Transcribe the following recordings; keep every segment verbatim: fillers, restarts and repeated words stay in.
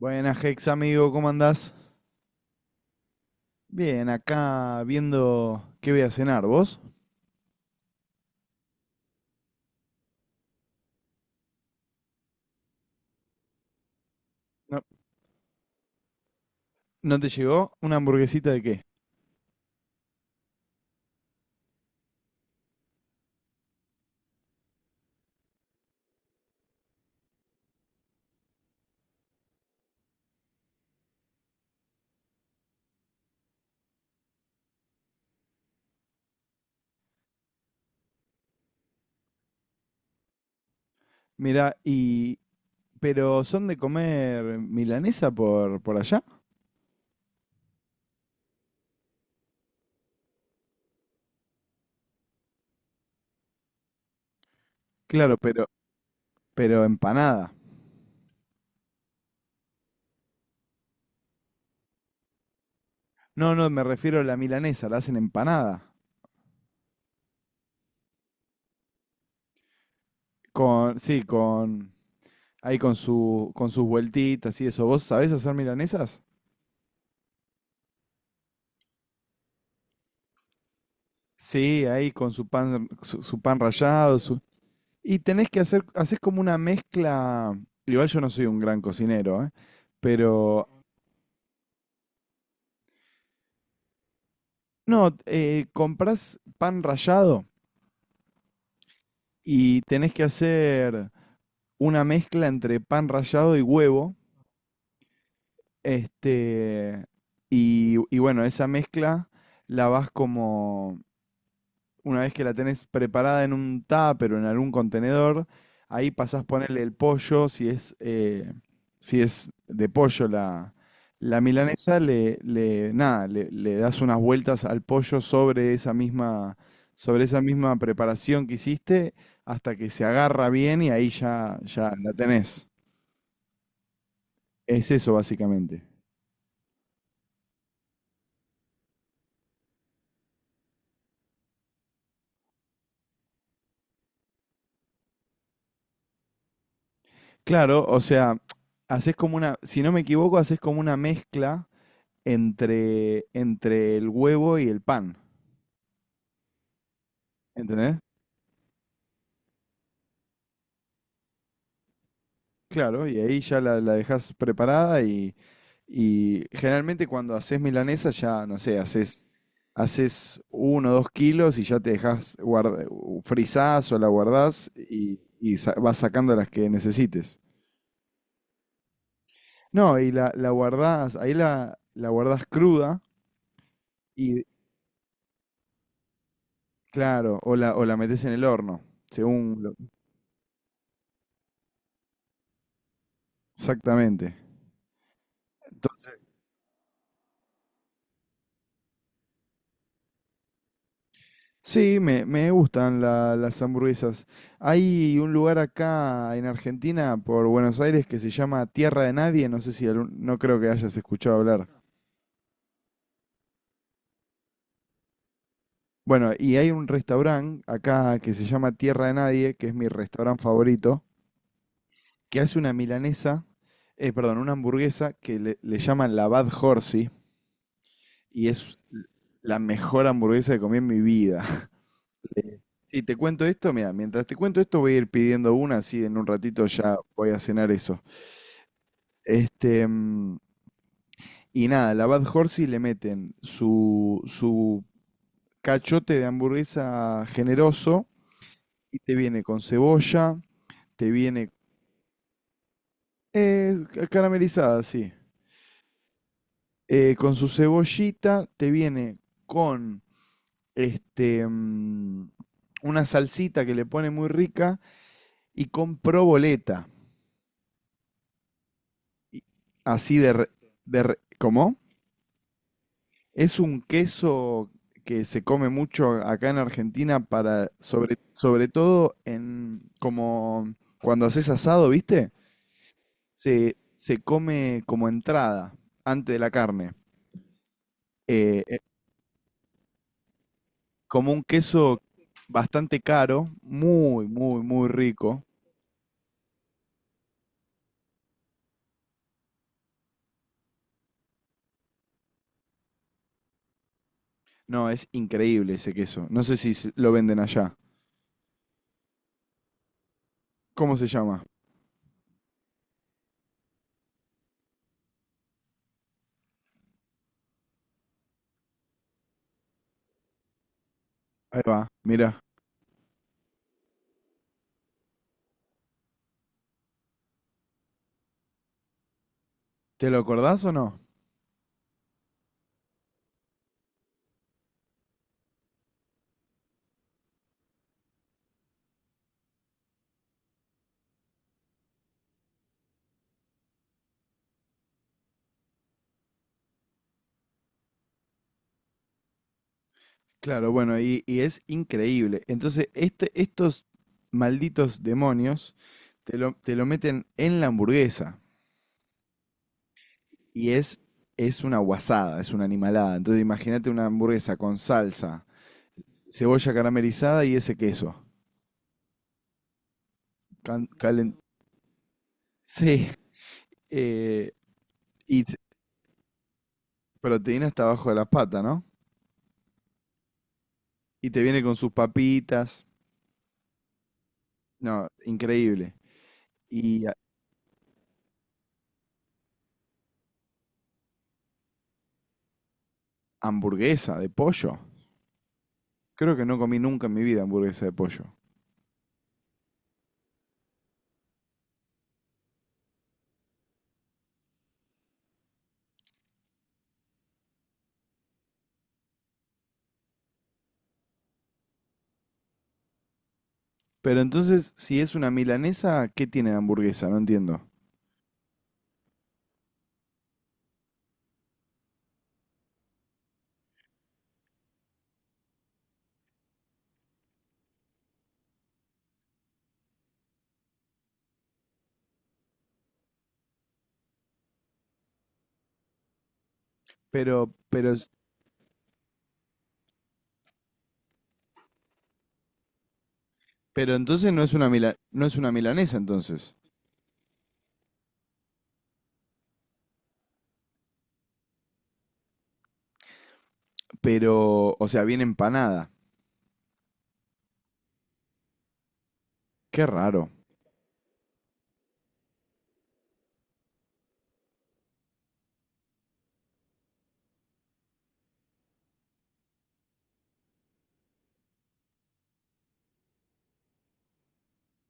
Buenas, Hex, amigo, ¿cómo andás? Bien, acá viendo qué voy a cenar, ¿vos? No, ¿no te llegó? ¿Una hamburguesita de qué? Mirá, y... ¿Pero son de comer milanesa por, por allá? Claro, pero, pero empanada. No, no, me refiero a la milanesa, la hacen empanada. Con, sí, con... Ahí con su, con sus vueltitas y eso. ¿Vos sabés hacer milanesas? Sí, ahí con su pan, su, su pan rallado, su. Y tenés que hacer, haces como una mezcla. Igual yo no soy un gran cocinero, ¿eh? Pero no, eh, comprás pan rallado y tenés que hacer una mezcla entre pan rallado y huevo. Este, y, y bueno, esa mezcla la vas como una vez que la tenés preparada en un tupper o en algún contenedor, ahí pasás a ponerle el pollo, si es, eh, si es de pollo la, la milanesa, le, le- nada, le, le das unas vueltas al pollo sobre esa misma, sobre esa misma preparación que hiciste hasta que se agarra bien y ahí ya, ya la tenés. Es eso básicamente. Claro, o sea, haces como una, si no me equivoco, haces como una mezcla entre, entre el huevo y el pan. ¿Entendés? Claro, y ahí ya la, la dejás preparada y, y generalmente cuando haces milanesa ya, no sé, haces, haces uno o dos kilos y ya te dejas guarda, u- frizás o la guardás y, y sa- vas sacando las que necesites. No, y la, la guardás, ahí la, la guardás cruda y claro, o la, o la metés en el horno, según lo- exactamente. Sí, me- me gustan la- las hamburguesas. Hay un lugar acá en Argentina, por Buenos Aires, que se llama Tierra de Nadie. No sé si algún- no creo que hayas escuchado hablar. Bueno, y hay un restaurante acá que se llama Tierra de Nadie, que es mi restaurante favorito, que hace una milanesa, eh, perdón, una hamburguesa que le, le llaman la Bad Horsey, y es la mejor hamburguesa que comí en mi vida. Si te cuento esto, mira, mientras te cuento esto voy a ir pidiendo una, así en un ratito ya voy a cenar eso. Este, mm, y nada, la Bad Horsey le meten su, su cachote de hamburguesa generoso y te viene con cebolla, te viene eh, ca- caramelizada, sí. eh, con su cebollita, te viene con este, mm, una salsita que le pone muy rica y con proboleta. Y- Así de, re- de re- ¿cómo? Es un queso que se come mucho acá en Argentina para, sobre, sobre todo en, como cuando haces asado, ¿viste? Se, se come como entrada, antes de la carne. Eh, eh, como un queso bastante caro, muy, muy, muy rico. No, es increíble ese queso. No sé si se- lo venden allá. ¿Cómo se llama? Ahí va, mira. ¿Te lo acordás o no? Claro, bueno, y, y es increíble. Entonces, este, estos malditos demonios te lo, te lo meten en la hamburguesa y es, es una guasada, es una animalada. Entonces, imagínate una hamburguesa con salsa, cebolla caramelizada y ese queso. Can- calen- Sí, eh, y t- proteína hasta abajo de la pata, ¿no? Y te viene con sus papitas. No, increíble. Y a- hamburguesa de pollo. Creo que no comí nunca en mi vida hamburguesa de pollo. Pero entonces, si es una milanesa, ¿qué tiene de hamburguesa? No entiendo. Pero, pero, es- pero entonces no es una mila- no es una milanesa entonces. Pero, o sea, viene empanada. Qué raro.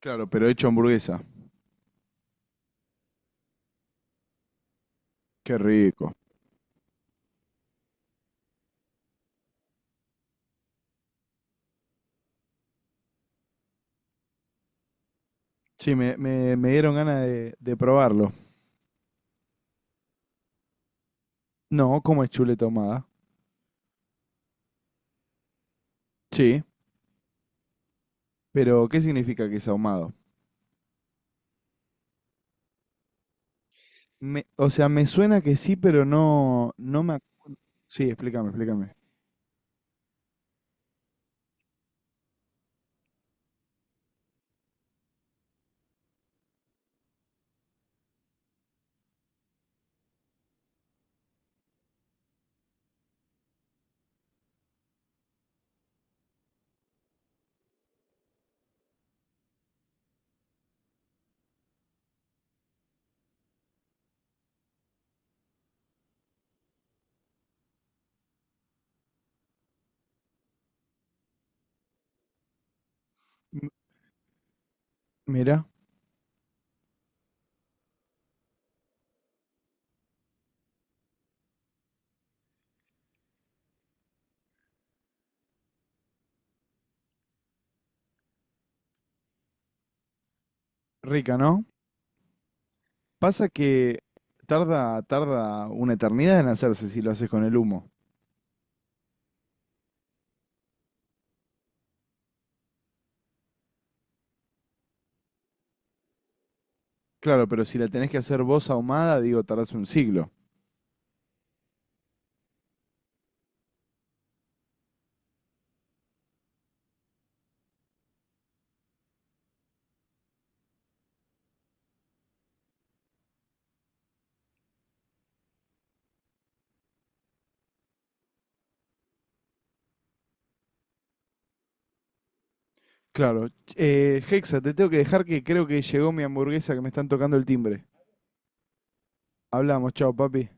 Claro, pero hecho hamburguesa. Qué rico. Sí, me, me- me dieron ganas de, de probarlo. No, cómo es chuleta ahumada. Sí, pero ¿qué significa que es ahumado? Me- o sea, me suena que sí, pero no, no me... ac- Sí, explícame, explícame. M- Mira, rica, ¿no? Pasa que tarda, tarda una eternidad en hacerse si lo haces con el humo. Claro, pero si la tenés que hacer vos ahumada, digo, tardás un siglo. Claro. Eh, Hexa, te tengo que dejar que creo que llegó mi hamburguesa que me están tocando el timbre. Hablamos, chao, papi.